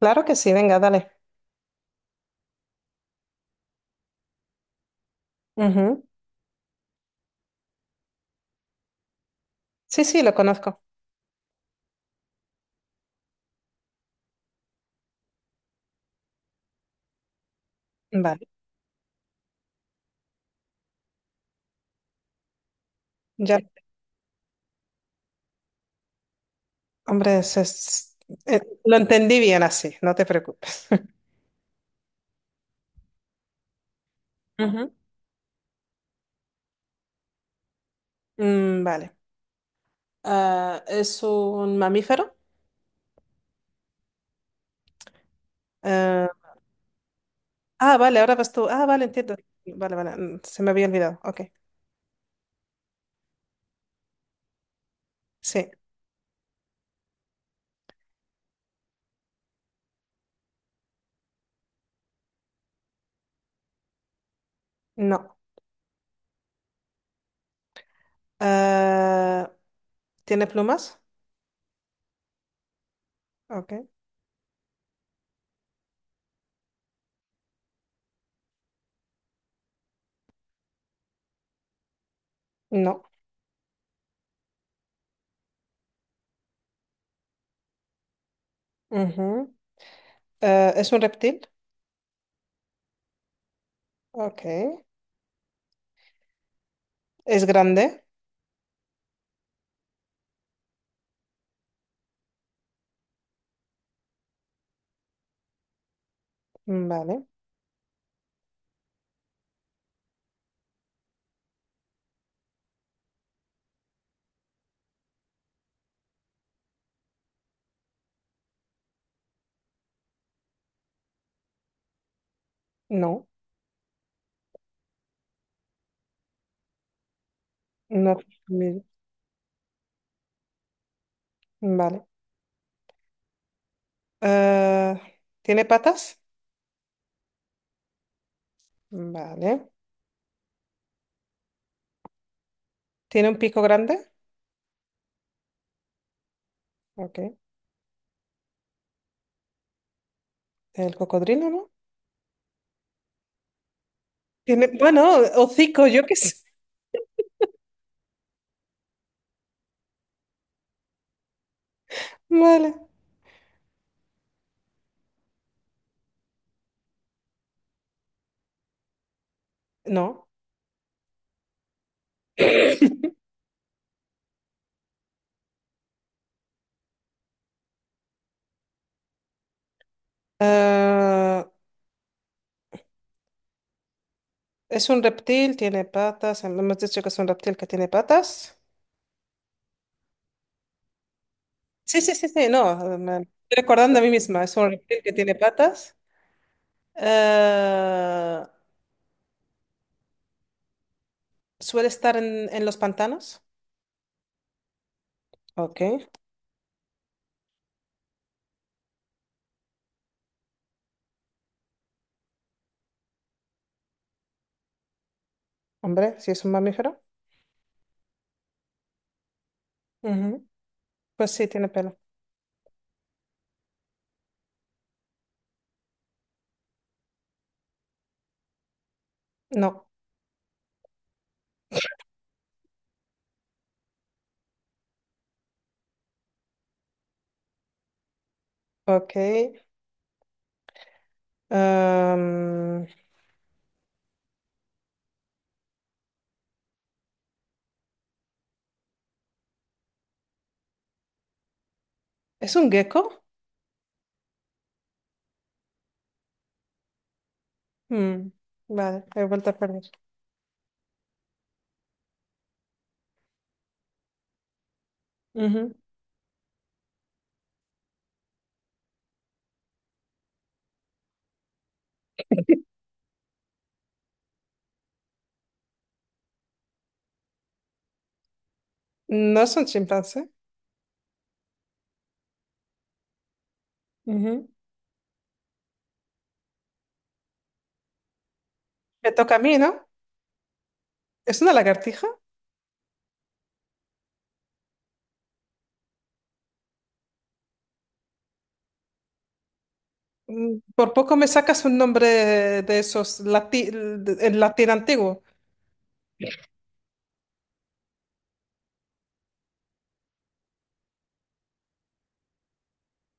Claro que sí, venga, dale. Ujú. Sí, sí, lo conozco. Vale, ya, hombre, lo entendí bien así, no te preocupes. Ujú. Mm, vale. Ah, ¿es un mamífero? Eh, ah, vale, ahora vas tú. Ah, vale, entiendo. Vale, vale, se me había olvidado. Ok, sí, no. Eh, ¿Tiene plumas? Ok, no. Ujú. ¿Es un reptil? Ok. ¿Es grande? Vale, no. No. Vale. Ah, ¿tiene patas? Vale. ¿Tiene un pico grande? Ok. El cocodrilo, ¿no? Tiene, bueno, hocico, yo qué sé. Vale. No. Ah, es un reptil, tiene patas. Hemos dicho que es un reptil que tiene patas. Sí, sí, sí, sí, no. Me estoy recordando a mí misma. Es un reptil que tiene patas. Ah, suele estar en los pantanos. Ok. Hombre, si es un mamífero. Ujú. Pues sí, tiene pelo. No. Ok. Am, ¿Es un gecko? Mm, vale, he vuelto a perder. Ujú. No es un chimpancé. Ujú. Me toca a mí, ¿no? ¿Es una lagartija? Por poco me sacas un nombre de esos en latín antiguo.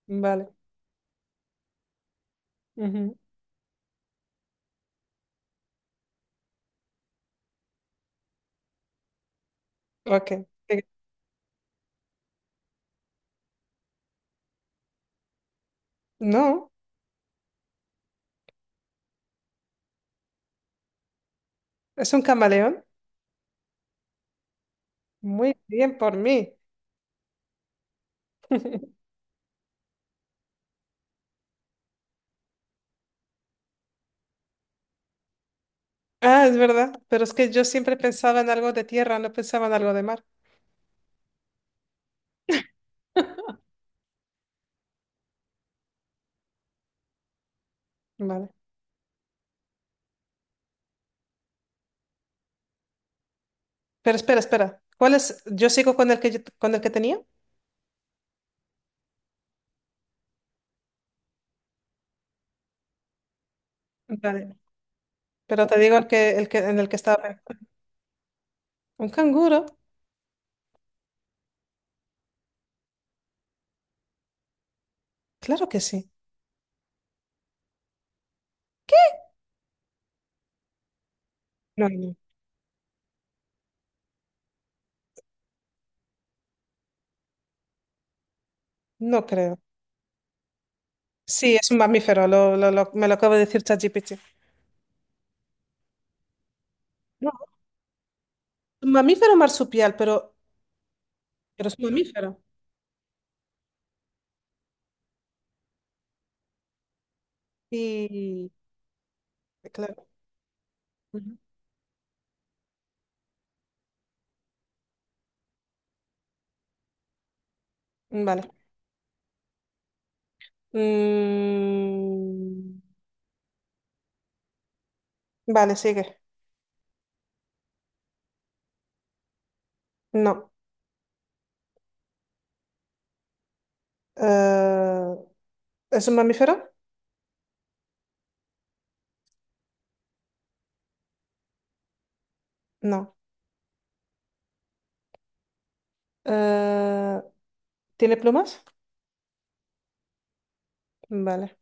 Vale. Ujú. Ok. Eh, No, es un camaleón. Muy bien por mí. Ah, es verdad, pero es que yo siempre pensaba en algo de tierra, no pensaba en algo de mar. Vale. Pero espera, espera. ¿Cuál es? ¿Yo sigo con el que con el que tenía? Vale, pero te digo en el que estaba pensando. ¿Un canguro? Claro que sí. No, no, no creo. Sí, es un mamífero, me lo acaba de decir ChatGPT. No, un mamífero marsupial, pero es un mamífero. Y, claro. Ujú. Vale. Mm, vale, sigue. No. Eh, ¿Es un mamífero? No. Eh, ¿Tiene plumas? Vale,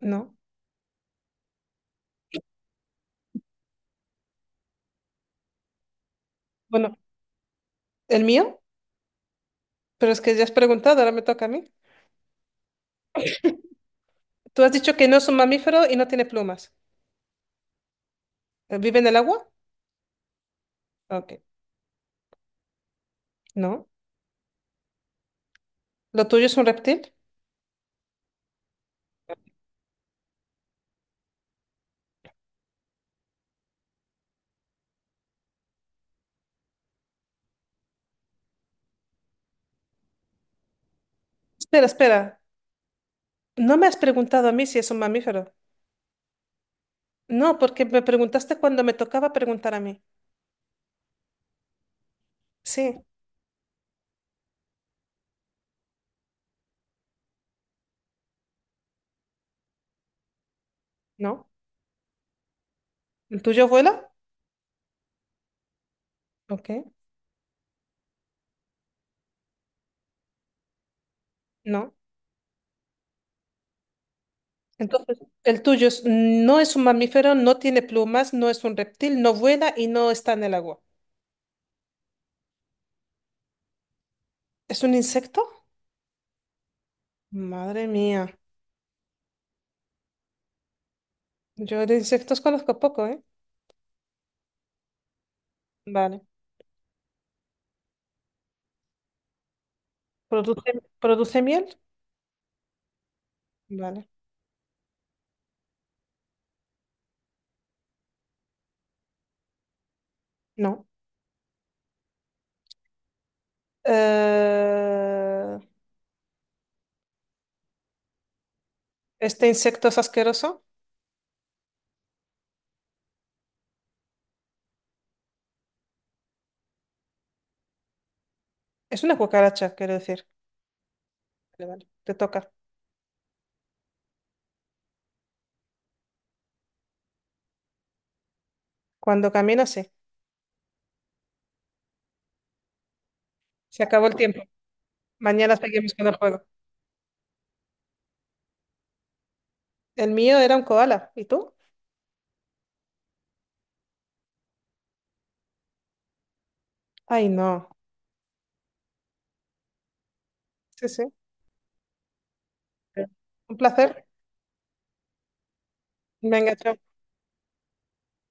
no. Bueno, ¿el mío? Pero es que ya has preguntado, ahora me toca a mí. Tú has dicho que no es un mamífero y no tiene plumas. ¿Vive en el agua? Ok, no. ¿Lo tuyo es un reptil? Espera, espera. No me has preguntado a mí si es un mamífero. No, porque me preguntaste cuando me tocaba preguntar a mí. Sí, no. ¿El tuyo vuela? Ok, no. Entonces, el tuyo no es un mamífero, no tiene plumas, no es un reptil, no vuela y no está en el agua. ¿Es un insecto? Madre mía. Yo de insectos conozco poco, ¿eh? Vale. ¿Produce miel? Vale. No. Eh, este insecto es asqueroso. Es una cucaracha, quiero decir. Vale, vale, te toca. Cuando camino, sí. Se acabó el tiempo. Mañana seguimos con el juego. El mío era un koala. ¿Y tú? Ay, no. Sí, sí. Un placer. Venga, chao.